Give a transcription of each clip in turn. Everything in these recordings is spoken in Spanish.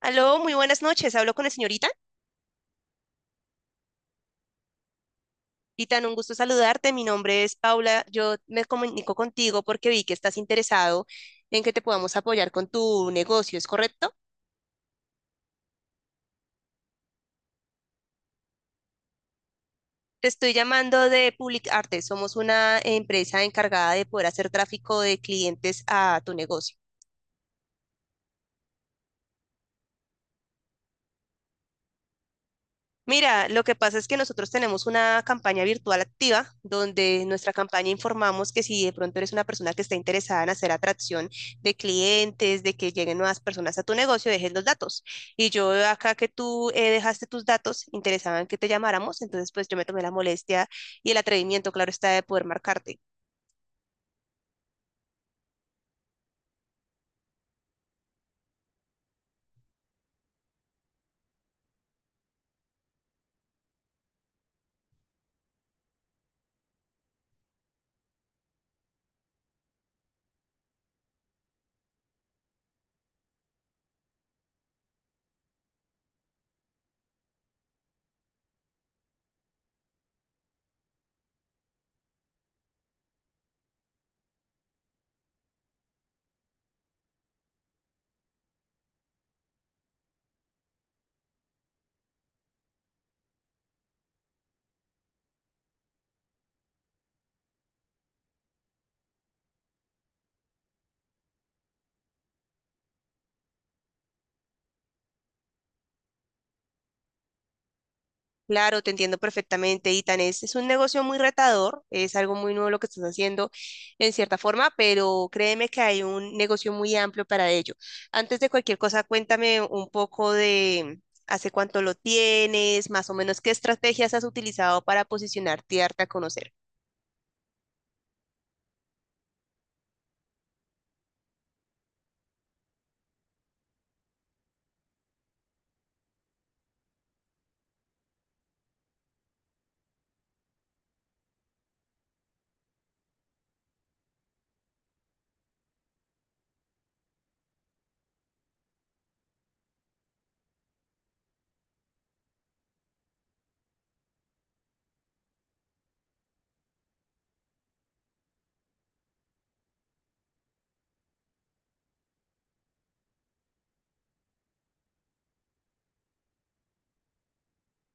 Aló, muy buenas noches. Hablo con la señorita. Itan, un gusto saludarte. Mi nombre es Paula. Yo me comunico contigo porque vi que estás interesado en que te podamos apoyar con tu negocio, ¿es correcto? Te estoy llamando de Public Arte. Somos una empresa encargada de poder hacer tráfico de clientes a tu negocio. Mira, lo que pasa es que nosotros tenemos una campaña virtual activa donde en nuestra campaña informamos que si de pronto eres una persona que está interesada en hacer atracción de clientes, de que lleguen nuevas personas a tu negocio, dejes los datos. Y yo veo acá que tú dejaste tus datos, interesaban que te llamáramos, entonces pues yo me tomé la molestia y el atrevimiento, claro está, de poder marcarte. Claro, te entiendo perfectamente, Itan. Es un negocio muy retador, es algo muy nuevo lo que estás haciendo en cierta forma, pero créeme que hay un negocio muy amplio para ello. Antes de cualquier cosa, cuéntame un poco de hace cuánto lo tienes, más o menos qué estrategias has utilizado para posicionarte y darte a conocer.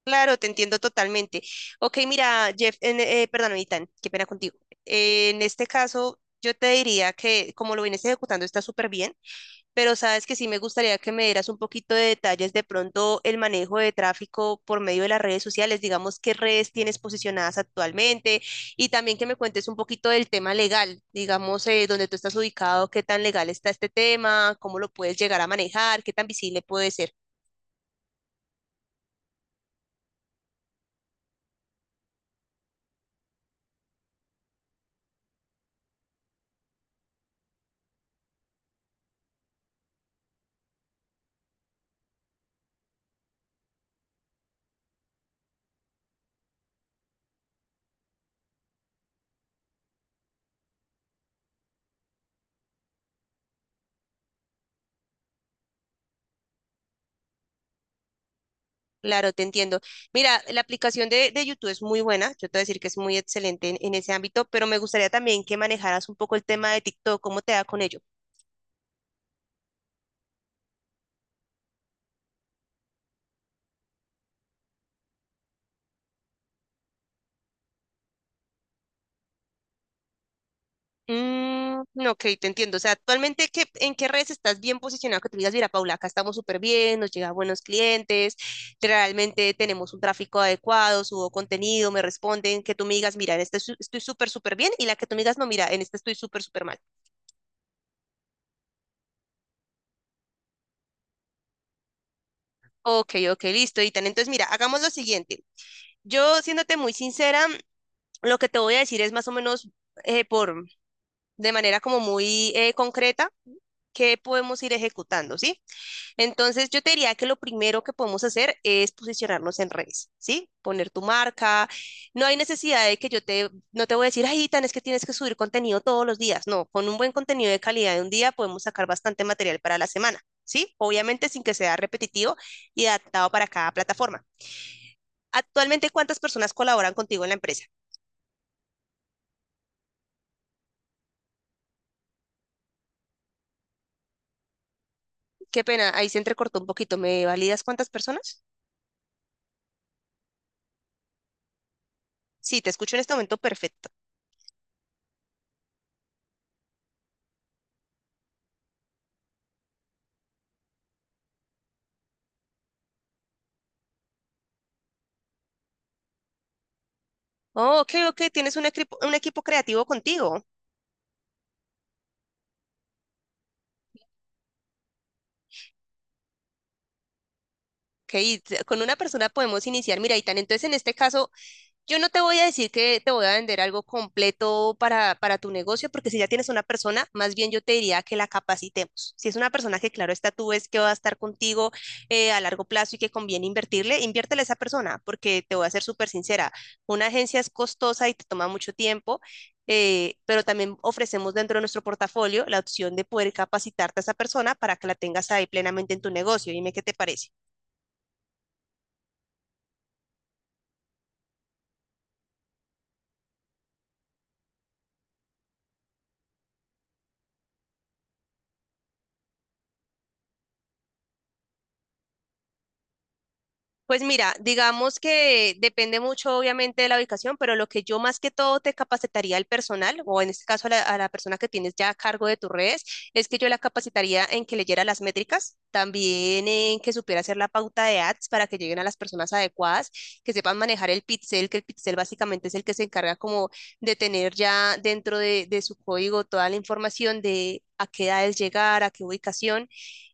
Claro, te entiendo totalmente. Ok, mira, Jeff, perdón, Itan, qué pena contigo. En este caso, yo te diría que como lo vienes ejecutando está súper bien. Pero sabes que sí me gustaría que me dieras un poquito de detalles de pronto el manejo de tráfico por medio de las redes sociales, digamos qué redes tienes posicionadas actualmente y también que me cuentes un poquito del tema legal, digamos dónde tú estás ubicado, qué tan legal está este tema, cómo lo puedes llegar a manejar, qué tan visible puede ser. Claro, te entiendo. Mira, la aplicación de YouTube es muy buena, yo te voy a decir que es muy excelente en ese ámbito, pero me gustaría también que manejaras un poco el tema de TikTok, cómo te da con ello. Mm, ok, te entiendo. O sea, actualmente, ¿qué, en qué redes estás bien posicionado? Que tú digas, mira, Paula, acá estamos súper bien, nos llegan buenos clientes, realmente tenemos un tráfico adecuado, subo contenido, me responden, que tú me digas, mira, en esta estoy súper, súper bien, y la que tú me digas, no, mira, en esta estoy súper, súper mal. Ok, ok, listo, Itan. Entonces, mira, hagamos lo siguiente. Yo, siéndote muy sincera, lo que te voy a decir es más o menos eh, por, de manera como muy concreta, qué podemos ir ejecutando, ¿sí? Entonces, yo te diría que lo primero que podemos hacer es posicionarnos en redes, ¿sí? Poner tu marca. No hay necesidad de que yo te, no te voy a decir, ay, tan es que tienes que subir contenido todos los días. No, con un buen contenido de calidad de un día podemos sacar bastante material para la semana, ¿sí? Obviamente sin que sea repetitivo y adaptado para cada plataforma. Actualmente, ¿cuántas personas colaboran contigo en la empresa? Qué pena, ahí se entrecortó un poquito. ¿Me validas cuántas personas? Sí, te escucho en este momento perfecto. Oh, ok, ok, tienes un equipo creativo contigo. Ok, con una persona podemos iniciar. Mira, Itán, entonces en este caso, yo no te voy a decir que te voy a vender algo completo para tu negocio, porque si ya tienes una persona, más bien yo te diría que la capacitemos. Si es una persona que, claro, está tú ves que va a estar contigo a largo plazo y que conviene invertirle, inviértele a esa persona, porque te voy a ser súper sincera, una agencia es costosa y te toma mucho tiempo. Pero también ofrecemos dentro de nuestro portafolio la opción de poder capacitarte a esa persona para que la tengas ahí plenamente en tu negocio. Dime qué te parece. Pues mira, digamos que depende mucho obviamente de la ubicación, pero lo que yo más que todo te capacitaría al personal, o en este caso a la persona que tienes ya a cargo de tus redes, es que yo la capacitaría en que leyera las métricas, también en que supiera hacer la pauta de ads para que lleguen a las personas adecuadas, que sepan manejar el pixel, que el pixel básicamente es el que se encarga como de tener ya dentro de su código toda la información de a qué edades llegar, a qué ubicación.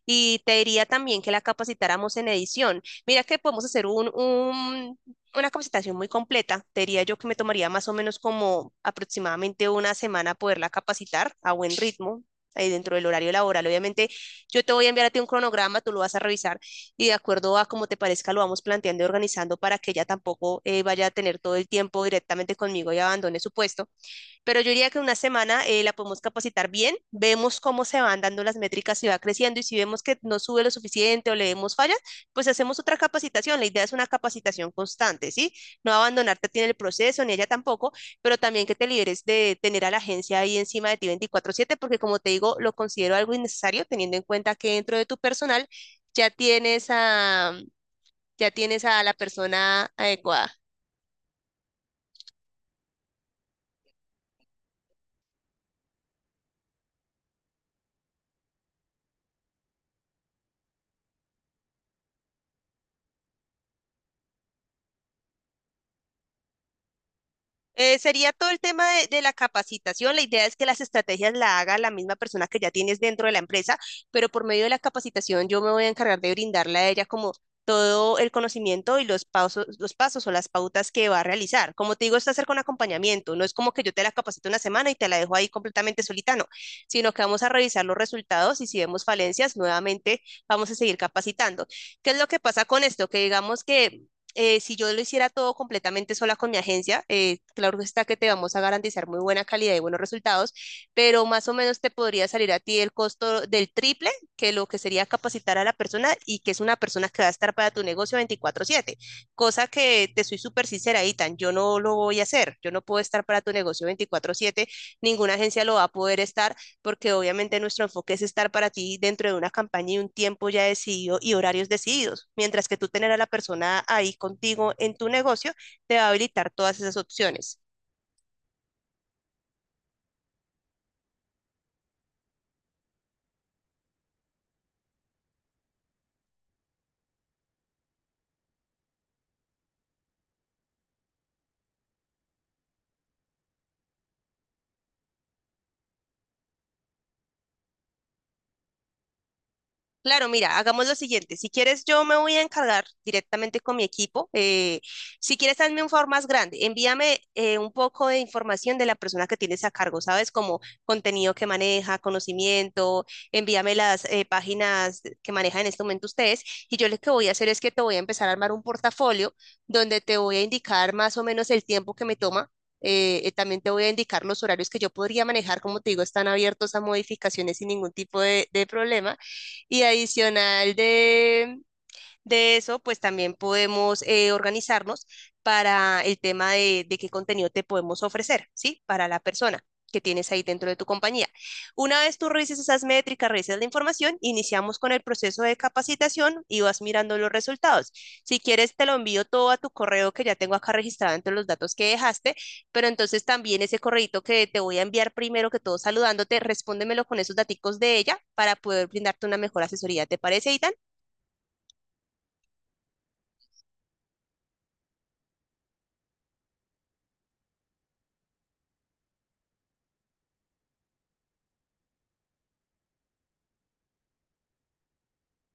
Y te diría también que la capacitáramos en edición. Mira que podemos hacer una capacitación muy completa. Te diría yo que me tomaría más o menos como aproximadamente una semana poderla capacitar a buen ritmo, ahí dentro del horario laboral. Obviamente, yo te voy a enviar a ti un cronograma, tú lo vas a revisar y de acuerdo a como te parezca lo vamos planteando y organizando para que ella tampoco vaya a tener todo el tiempo directamente conmigo y abandone su puesto. Pero yo diría que una semana la podemos capacitar bien, vemos cómo se van dando las métricas y va creciendo y si vemos que no sube lo suficiente o le vemos fallas, pues hacemos otra capacitación. La idea es una capacitación constante, ¿sí? No abandonarte a ti en el proceso, ni ella tampoco, pero también que te liberes de tener a la agencia ahí encima de ti 24/7, porque como te digo, lo considero algo innecesario teniendo en cuenta que dentro de tu personal ya tienes a, ya tienes a la persona adecuada. Sería todo el tema de la capacitación. La idea es que las estrategias la haga la misma persona que ya tienes dentro de la empresa, pero por medio de la capacitación yo me voy a encargar de brindarle a ella como todo el conocimiento y los pasos o las pautas que va a realizar. Como te digo, esto hacer con acompañamiento. No es como que yo te la capacito una semana y te la dejo ahí completamente solita, no, sino que vamos a revisar los resultados y si vemos falencias, nuevamente vamos a seguir capacitando. ¿Qué es lo que pasa con esto? Que digamos que si yo lo hiciera todo completamente sola con mi agencia, claro está que te vamos a garantizar muy buena calidad y buenos resultados, pero más o menos te podría salir a ti el costo del triple que lo que sería capacitar a la persona y que es una persona que va a estar para tu negocio 24/7, cosa que te soy súper sincera, Itan, yo no lo voy a hacer, yo no puedo estar para tu negocio 24/7, ninguna agencia lo va a poder estar porque obviamente nuestro enfoque es estar para ti dentro de una campaña y un tiempo ya decidido y horarios decididos, mientras que tú tener a la persona ahí contigo en tu negocio te va a habilitar todas esas opciones. Claro, mira, hagamos lo siguiente. Si quieres, yo me voy a encargar directamente con mi equipo. Si quieres, hazme un favor más grande. Envíame un poco de información de la persona que tienes a cargo, ¿sabes? Como contenido que maneja, conocimiento. Envíame las páginas que manejan en este momento ustedes. Y yo lo que voy a hacer es que te voy a empezar a armar un portafolio donde te voy a indicar más o menos el tiempo que me toma. También te voy a indicar los horarios que yo podría manejar. Como te digo, están abiertos a modificaciones sin ningún tipo de problema y adicional de eso, pues también podemos organizarnos para el tema de qué contenido te podemos ofrecer, ¿sí? Para la persona que tienes ahí dentro de tu compañía. Una vez tú revises esas métricas, revises la información, iniciamos con el proceso de capacitación y vas mirando los resultados. Si quieres, te lo envío todo a tu correo que ya tengo acá registrado entre los datos que dejaste, pero entonces también ese correito que te voy a enviar primero que todo saludándote, respóndemelo con esos daticos de ella para poder brindarte una mejor asesoría. ¿Te parece, Ita?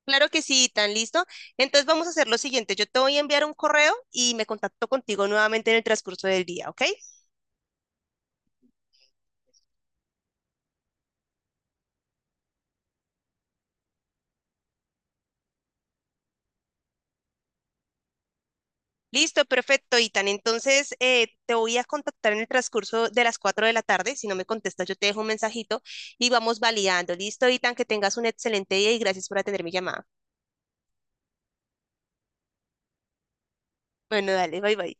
Claro que sí, tan listo. Entonces vamos a hacer lo siguiente. Yo te voy a enviar un correo y me contacto contigo nuevamente en el transcurso del día, ¿ok? Listo, perfecto, Itan. Entonces te voy a contactar en el transcurso de las 4 de la tarde. Si no me contestas, yo te dejo un mensajito y vamos validando. Listo, Itan, que tengas un excelente día y gracias por atender mi llamada. Bueno, dale, bye bye.